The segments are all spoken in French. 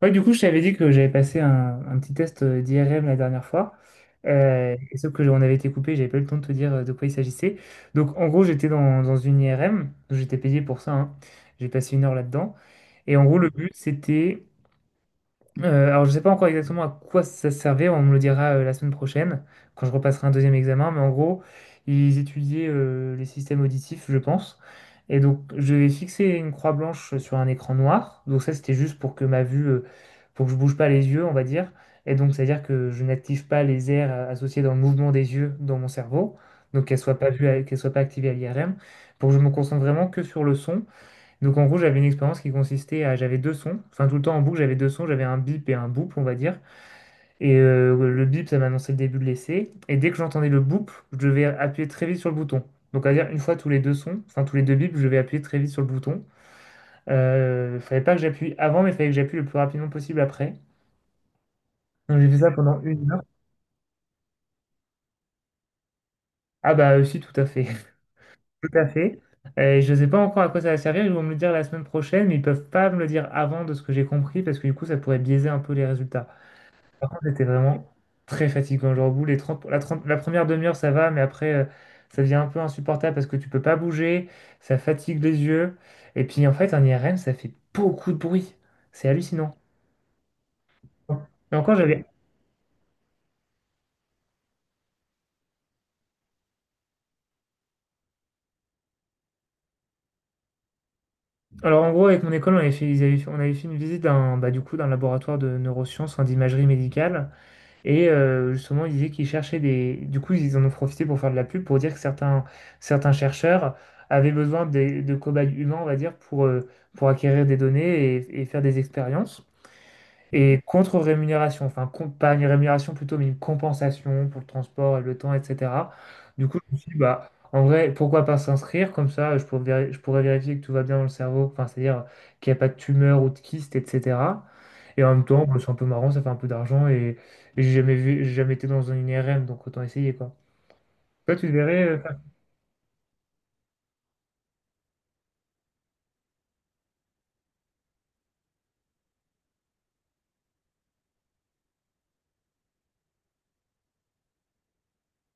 Ouais, du coup, je t'avais dit que j'avais passé un petit test d'IRM la dernière fois. Et sauf que on avait été coupé, j'avais pas eu le temps de te dire de quoi il s'agissait. Donc, en gros, j'étais dans une IRM, j'étais payé pour ça, hein. J'ai passé 1 heure là-dedans. Et en gros, le but, c'était alors, je sais pas encore exactement à quoi ça servait, on me le dira la semaine prochaine, quand je repasserai un deuxième examen, mais en gros, ils étudiaient les systèmes auditifs, je pense. Et donc, je vais fixer une croix blanche sur un écran noir. Donc, ça, c'était juste pour que ma vue, pour que je bouge pas les yeux, on va dire. Et donc, c'est-à-dire que je n'active pas les aires associées dans le mouvement des yeux dans mon cerveau, donc qu'elles soient pas vues, qu'elles soient pas activées à l'IRM, pour que je me concentre vraiment que sur le son. Donc en gros, j'avais une expérience qui consistait à, j'avais deux sons, enfin tout le temps en boucle, j'avais deux sons, j'avais un bip et un boop, on va dire. Et le bip, ça m'annonçait le début de l'essai. Et dès que j'entendais le boop, je devais appuyer très vite sur le bouton. Donc à dire une fois tous les deux sons, enfin tous les deux bips, je devais appuyer très vite sur le bouton. Fallait pas que j'appuie avant, mais fallait que j'appuie le plus rapidement possible après. Donc j'ai fait ça pendant une heure. Ah bah aussi tout à fait, tout à fait. Je ne sais pas encore à quoi ça va servir, ils vont me le dire la semaine prochaine, mais ils peuvent pas me le dire avant de ce que j'ai compris, parce que du coup ça pourrait biaiser un peu les résultats. Par contre, c'était vraiment très fatigant. Genre, au bout, 30, la première demi-heure, ça va, mais après, ça devient un peu insupportable parce que tu peux pas bouger, ça fatigue les yeux. Et puis, en fait, un IRM, ça fait beaucoup de bruit. C'est hallucinant. Et encore, j'avais... Alors, en gros, avec mon école, on avait fait, on avait fait une visite d'un, bah, du coup, d'un laboratoire de neurosciences, enfin, d'imagerie médicale. Et justement, ils disaient qu'ils cherchaient des... Du coup, ils en ont profité pour faire de la pub, pour dire que certains chercheurs avaient de cobayes humains, on va dire, pour acquérir des données et faire des expériences. Et contre-rémunération, pas une rémunération plutôt, mais une compensation pour le transport et le temps, etc. Du coup, je me suis dit, bah, en vrai, pourquoi pas s'inscrire comme ça, je pourrais, je pourrais vérifier que tout va bien dans le cerveau, enfin, c'est-à-dire qu'il n'y a pas de tumeur ou de kyste, etc. Et en même temps, bah, c'est un peu marrant, ça fait un peu d'argent et j'ai jamais vu, j'ai jamais été dans une IRM, donc autant essayer, quoi. Toi, tu devrais...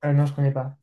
Ah non, je connais pas.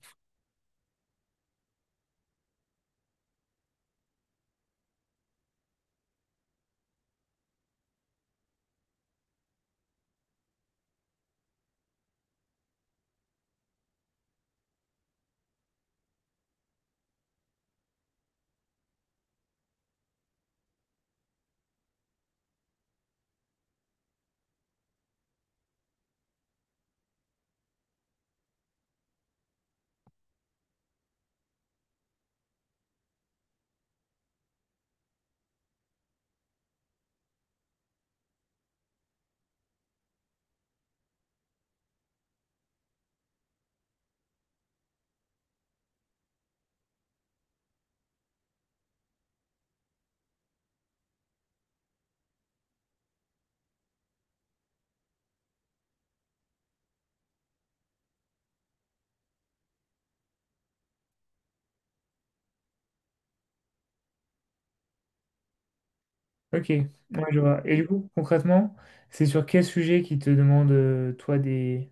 Ok, ouais, je vois. Et du coup, concrètement, c'est sur quel sujet qui te demande, toi, des...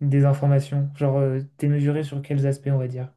Des informations, genre démesurées sur quels aspects, on va dire.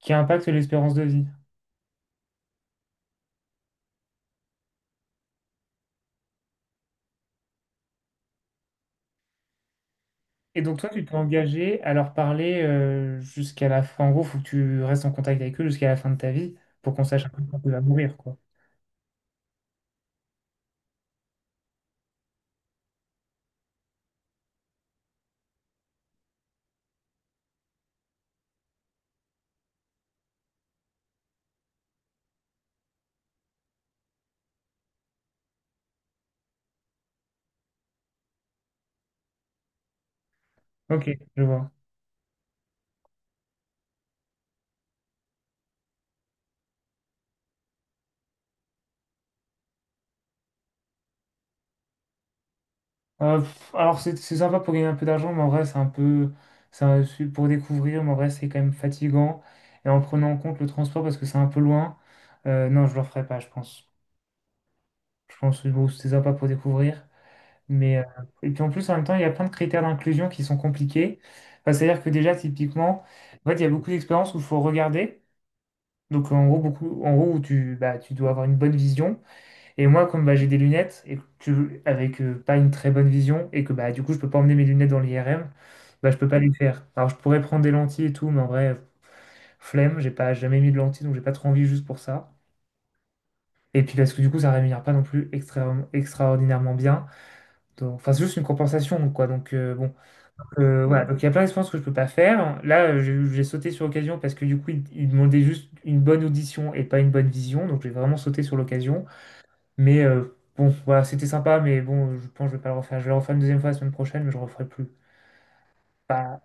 Qui impactent l'espérance de vie. Et donc toi, tu t'es engagé à leur parler jusqu'à la fin. En gros, faut que tu restes en contact avec eux jusqu'à la fin de ta vie pour qu'on sache un peu quand tu vas mourir, quoi. Ok, je vois. Alors c'est sympa pour gagner un peu d'argent, mais en vrai, c'est un peu, c'est pour découvrir, mais en vrai, c'est quand même fatigant. Et en prenant en compte le transport parce que c'est un peu loin, non, je le referai pas, je pense. Je pense que bon, c'est sympa pour découvrir. Mais, et puis en plus, en même temps, il y a plein de critères d'inclusion qui sont compliqués. Enfin, c'est-à-dire que déjà, typiquement, en fait, il y a beaucoup d'expériences où il faut regarder. Donc en gros, beaucoup, en gros où tu, bah, tu dois avoir une bonne vision. Et moi, comme bah, j'ai des lunettes et que avec pas une très bonne vision et que bah, du coup, je peux pas emmener mes lunettes dans l'IRM, bah, je peux pas les faire. Alors je pourrais prendre des lentilles et tout, mais en vrai, flemme, j'ai pas jamais mis de lentilles, donc j'ai pas trop envie juste pour ça. Et puis parce que du coup, ça rémunère pas non plus extraordinairement bien. Donc, enfin, c'est juste une compensation, quoi. Donc, bon. Voilà. Donc, il y a plein d'expériences que je peux pas faire. Là, j'ai sauté sur l'occasion parce que, du coup, ils il demandaient juste une bonne audition et pas une bonne vision. Donc, j'ai vraiment sauté sur l'occasion. Mais bon, voilà, c'était sympa. Mais bon, je pense que je vais pas le refaire. Je vais le refaire une deuxième fois la semaine prochaine, mais je referai plus. Bah,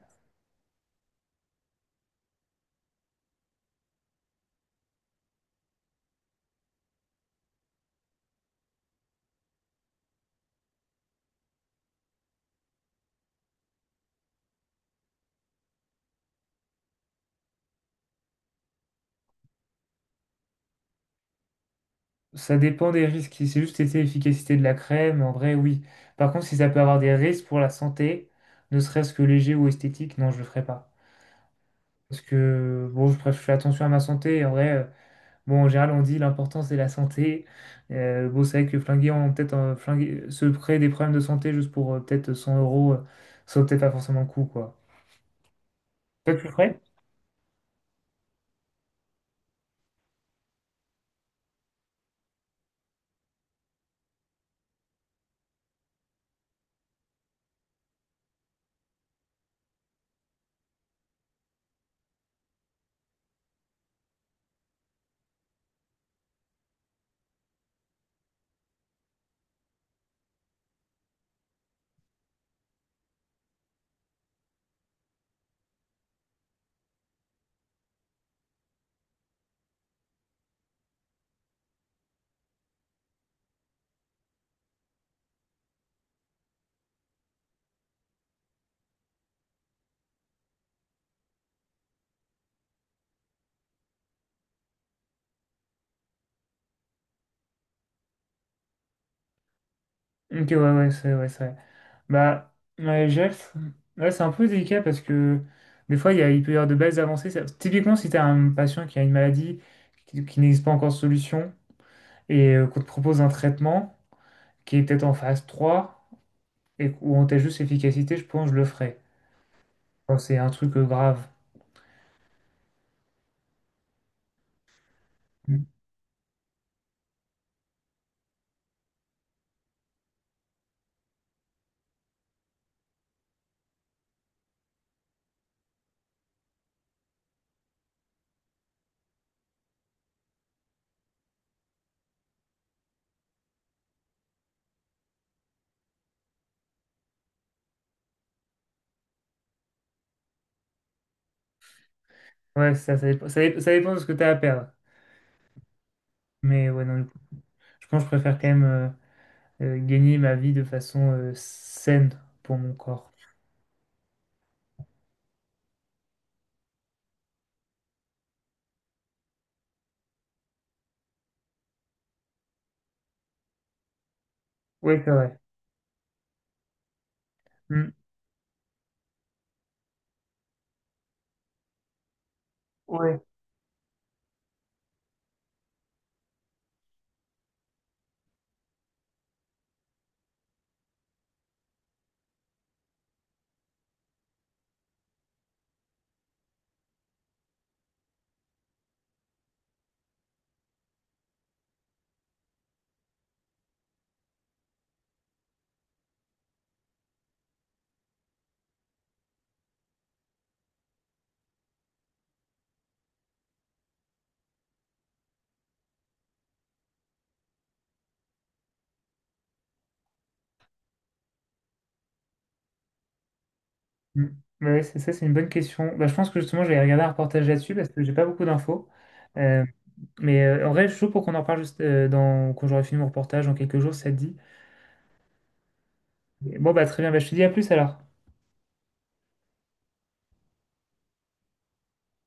ça dépend des risques. Si c'est juste été l'efficacité de la crème, en vrai, oui. Par contre, si ça peut avoir des risques pour la santé, ne serait-ce que léger ou esthétique, non, je le ferai pas. Parce que, bon, je fais attention à ma santé. En vrai. Bon, en général, on dit l'important c'est la santé. Bon, c'est vrai que flinguer, on peut-être se créer des problèmes de santé juste pour peut-être 100 euros, ça vaut peut-être pas forcément le coup, quoi. Toi, tu le ferais? Ok, ouais, ouais, c'est vrai. Bah, ouais, je dirais que c'est ouais, c'est un peu délicat parce que des fois, il y a, il peut y avoir de belles avancées. Ça- typiquement, si tu as un patient qui a une maladie qui n'existe pas encore de solution et qu'on te propose un traitement qui est peut-être en phase 3 et où on teste juste l'efficacité, je pense que je le ferais. Quand c'est un truc grave. Ouais, ça dépend, ça dépend de ce que tu as à perdre. Mais ouais, non, du coup, je pense que je préfère quand même gagner ma vie de façon saine pour mon corps. Ouais, c'est vrai. Mm. Ouais. Mm. Bah ouais, c'est ça, c'est une bonne question. Bah, je pense que justement, je vais regarder un reportage là-dessus parce que j'ai pas beaucoup d'infos. Euh, mais en vrai, je suis chaud pour qu'on en parle juste quand j'aurai fini mon reportage dans quelques jours, si ça te dit. Bon, bah très bien, bah, je te dis à plus alors.